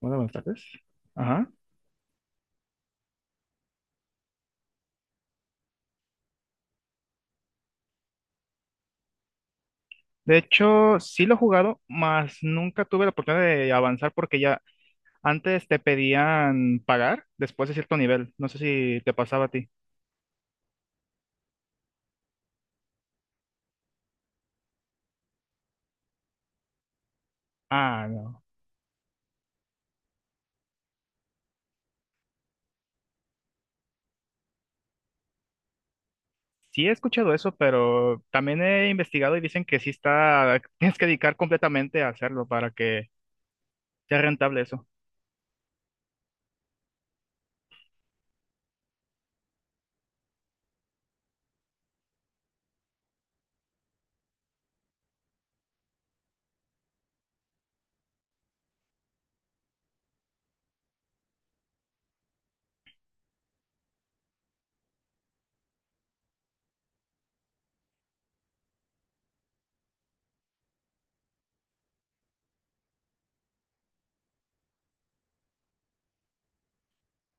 Modern Warfare tres. Ajá. De hecho, sí lo he jugado, mas nunca tuve la oportunidad de avanzar porque ya antes te pedían pagar después de cierto nivel. No sé si te pasaba a ti. Ah, no. Sí he escuchado eso, pero también he investigado y dicen que sí está, tienes que dedicar completamente a hacerlo para que sea rentable eso.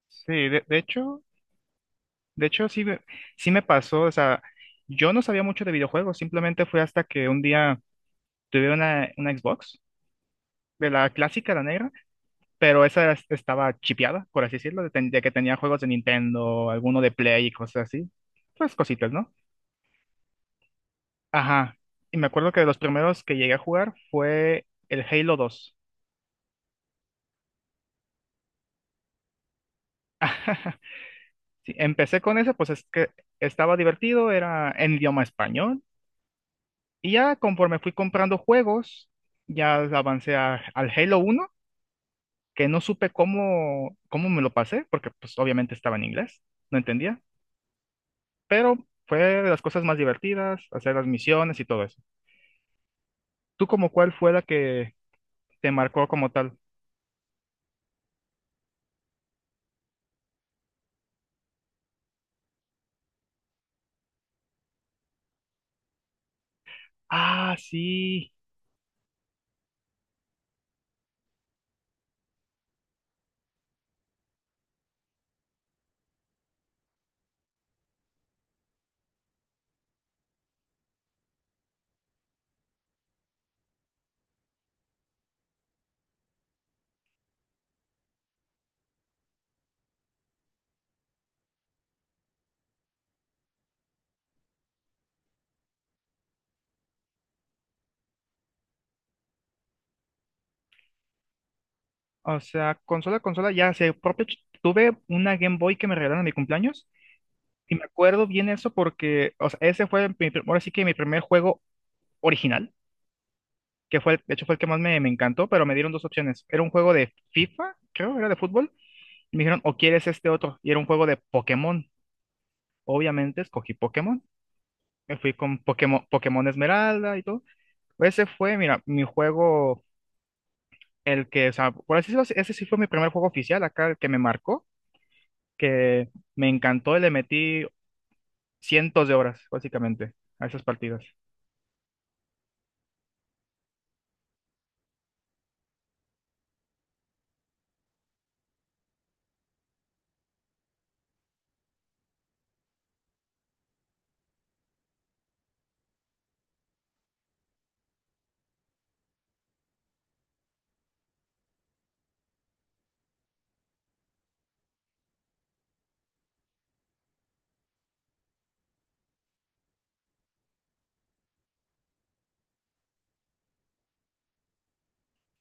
Sí, de hecho sí, sí me pasó, o sea, yo no sabía mucho de videojuegos, simplemente fue hasta que un día tuve una Xbox de la clásica, la negra, pero estaba chipeada, por así decirlo, de que tenía juegos de Nintendo, alguno de Play y cosas así. Pues cositas, ¿no? Ajá. Y me acuerdo que de los primeros que llegué a jugar fue el Halo 2. Sí, empecé con ese, pues es que estaba divertido, era en idioma español. Y ya conforme fui comprando juegos, ya al Halo 1, que no supe cómo me lo pasé, porque pues obviamente estaba en inglés, no entendía. Pero fue de las cosas más divertidas, hacer las misiones y todo eso. ¿Tú como cuál fue la que te marcó como tal? Ah, sí. O sea, consola, ya sé, tuve una Game Boy que me regalaron en mi cumpleaños y me acuerdo bien eso porque, o sea, ese fue ahora sí que mi primer juego original, que fue, de hecho fue el que más me encantó, pero me dieron dos opciones. Era un juego de FIFA, creo, era de fútbol, y me dijeron, o quieres este otro, y era un juego de Pokémon. Obviamente escogí Pokémon, me fui con Pokémon, Pokémon Esmeralda y todo. Ese fue, mira, mi juego el que, o sea, por así decirlo, ese sí fue mi primer juego oficial acá, el que me marcó, que me encantó y le metí cientos de horas, básicamente, a esas partidas.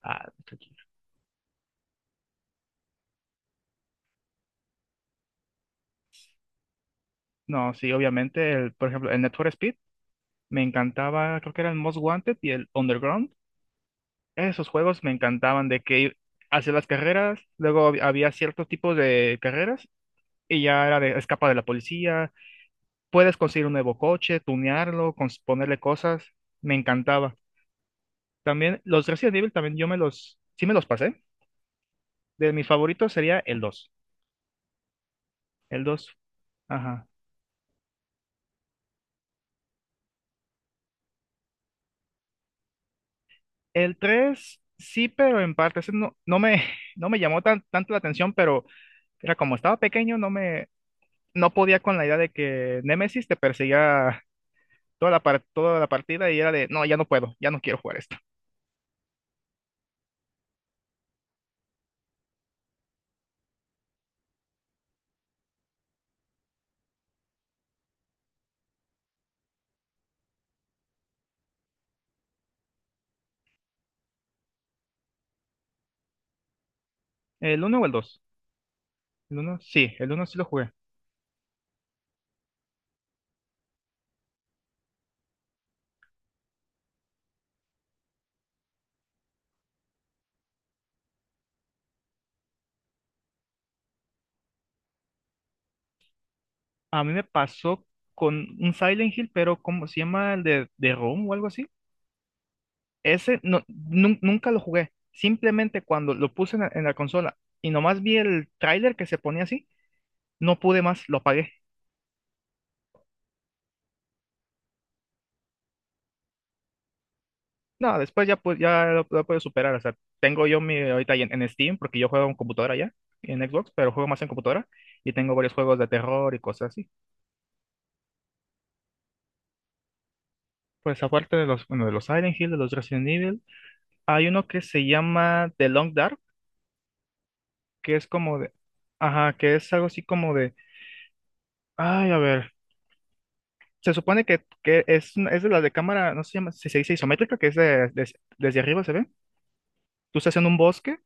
Ah, tranquilo. No, sí, obviamente, por ejemplo, el Need for Speed me encantaba, creo que era el Most Wanted y el Underground. Esos juegos me encantaban de que hacía las carreras, luego había ciertos tipos de carreras y ya era de escapa de la policía, puedes conseguir un nuevo coche, tunearlo, ponerle cosas, me encantaba. También los Resident Evil, también yo me sí me los pasé. De mis favoritos sería el dos. El dos, ajá. El tres sí, pero en parte, ese no me, no me llamó tanto la atención, pero era como estaba pequeño, no podía con la idea de que Nemesis te perseguía toda toda la partida y era de, no, ya no puedo, ya no quiero jugar esto. ¿El uno o el dos? El uno sí lo jugué. A mí me pasó con un Silent Hill, pero ¿cómo se llama? El de Room o algo así. Ese nunca lo jugué. Simplemente cuando lo puse en en la consola y nomás vi el tráiler que se ponía así, no pude más, lo apagué. No, después ya, ya lo puedo superar. O sea, tengo yo mi ahorita en Steam, porque yo juego en computadora ya, en Xbox, pero juego más en computadora y tengo varios juegos de terror y cosas así. Pues aparte de los, bueno, de los Silent Hill, de los Resident Evil, hay uno que se llama The Long Dark, que es como de, ajá, que es algo así como de, ay, a ver. Se supone que es, es de la de cámara, no sé si si se dice isométrica, que es desde arriba se ve. Tú estás en un bosque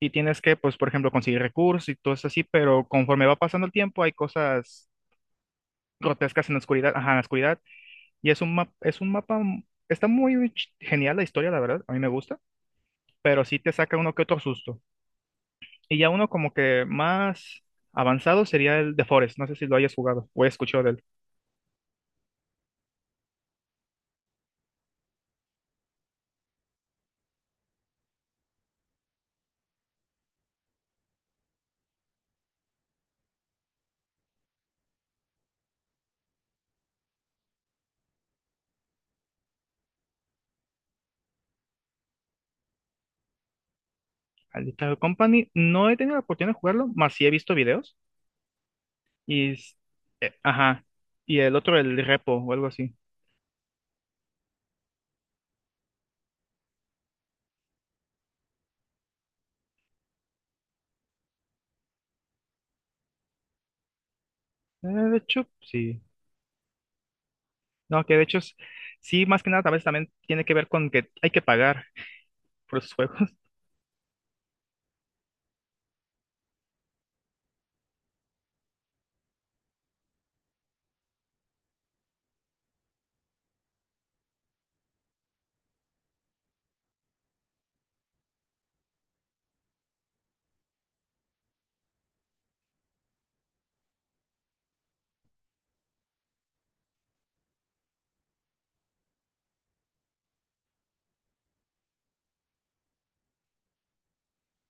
y tienes que, pues, por ejemplo, conseguir recursos y todo eso así, pero conforme va pasando el tiempo hay cosas grotescas en la oscuridad, ajá, en la oscuridad. Y es un está muy genial la historia, la verdad, a mí me gusta, pero sí te saca uno que otro susto. Y ya uno como que más avanzado sería el de Forest, no sé si lo hayas jugado o he escuchado de él. Al Little Company, no he tenido la oportunidad de jugarlo, más sí he visto videos. Y, s- ajá, y el otro, el repo o algo así. De hecho, sí. No, que de hecho, sí, más que nada, tal vez también tiene que ver con que hay que pagar por los juegos.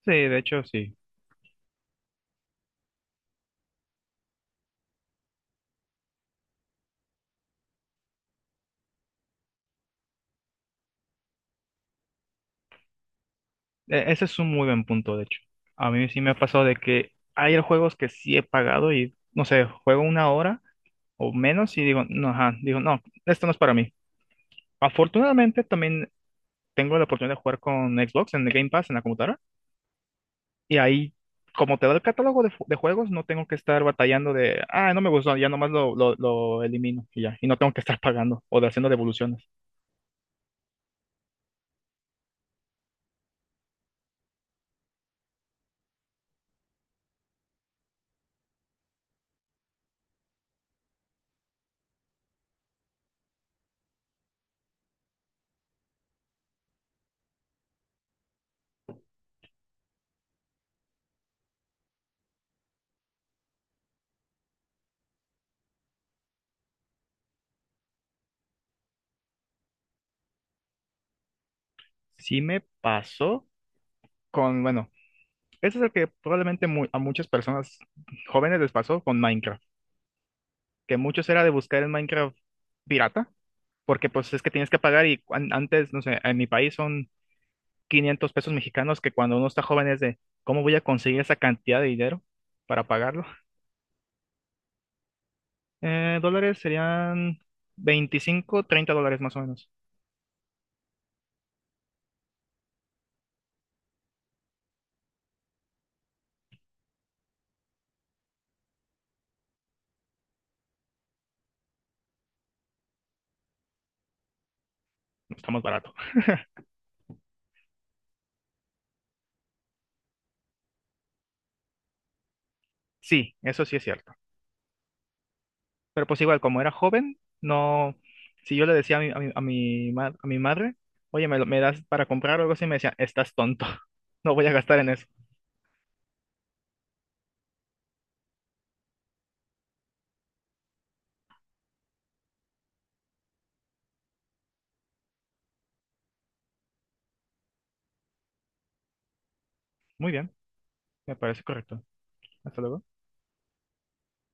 Sí, de hecho, sí. Ese es un muy buen punto, de hecho. A mí sí me ha pasado de que hay juegos que sí he pagado y, no sé, juego una hora o menos y digo, no, ajá, digo, no, esto no es para mí. Afortunadamente, también tengo la oportunidad de jugar con Xbox en el Game Pass en la computadora. Y ahí, como te da el catálogo de juegos, no tengo que estar batallando de, ah, no me gustó, ya nomás lo elimino y ya. Y no tengo que estar pagando o de haciendo devoluciones. Sí me pasó con, bueno, eso es lo que probablemente a muchas personas jóvenes les pasó con Minecraft, que muchos era de buscar el Minecraft pirata, porque pues es que tienes que pagar y antes, no sé, en mi país son 500 pesos mexicanos que cuando uno está joven es de, ¿cómo voy a conseguir esa cantidad de dinero para pagarlo? Dólares serían 25 o 30 dólares más o menos. Estamos barato. Sí, eso sí es cierto. Pero pues igual, como era joven, no, si yo le decía a mi madre, oye, ¿ me das para comprar o algo así? Me decía, estás tonto, no voy a gastar en eso. Muy bien, me parece correcto. Hasta luego.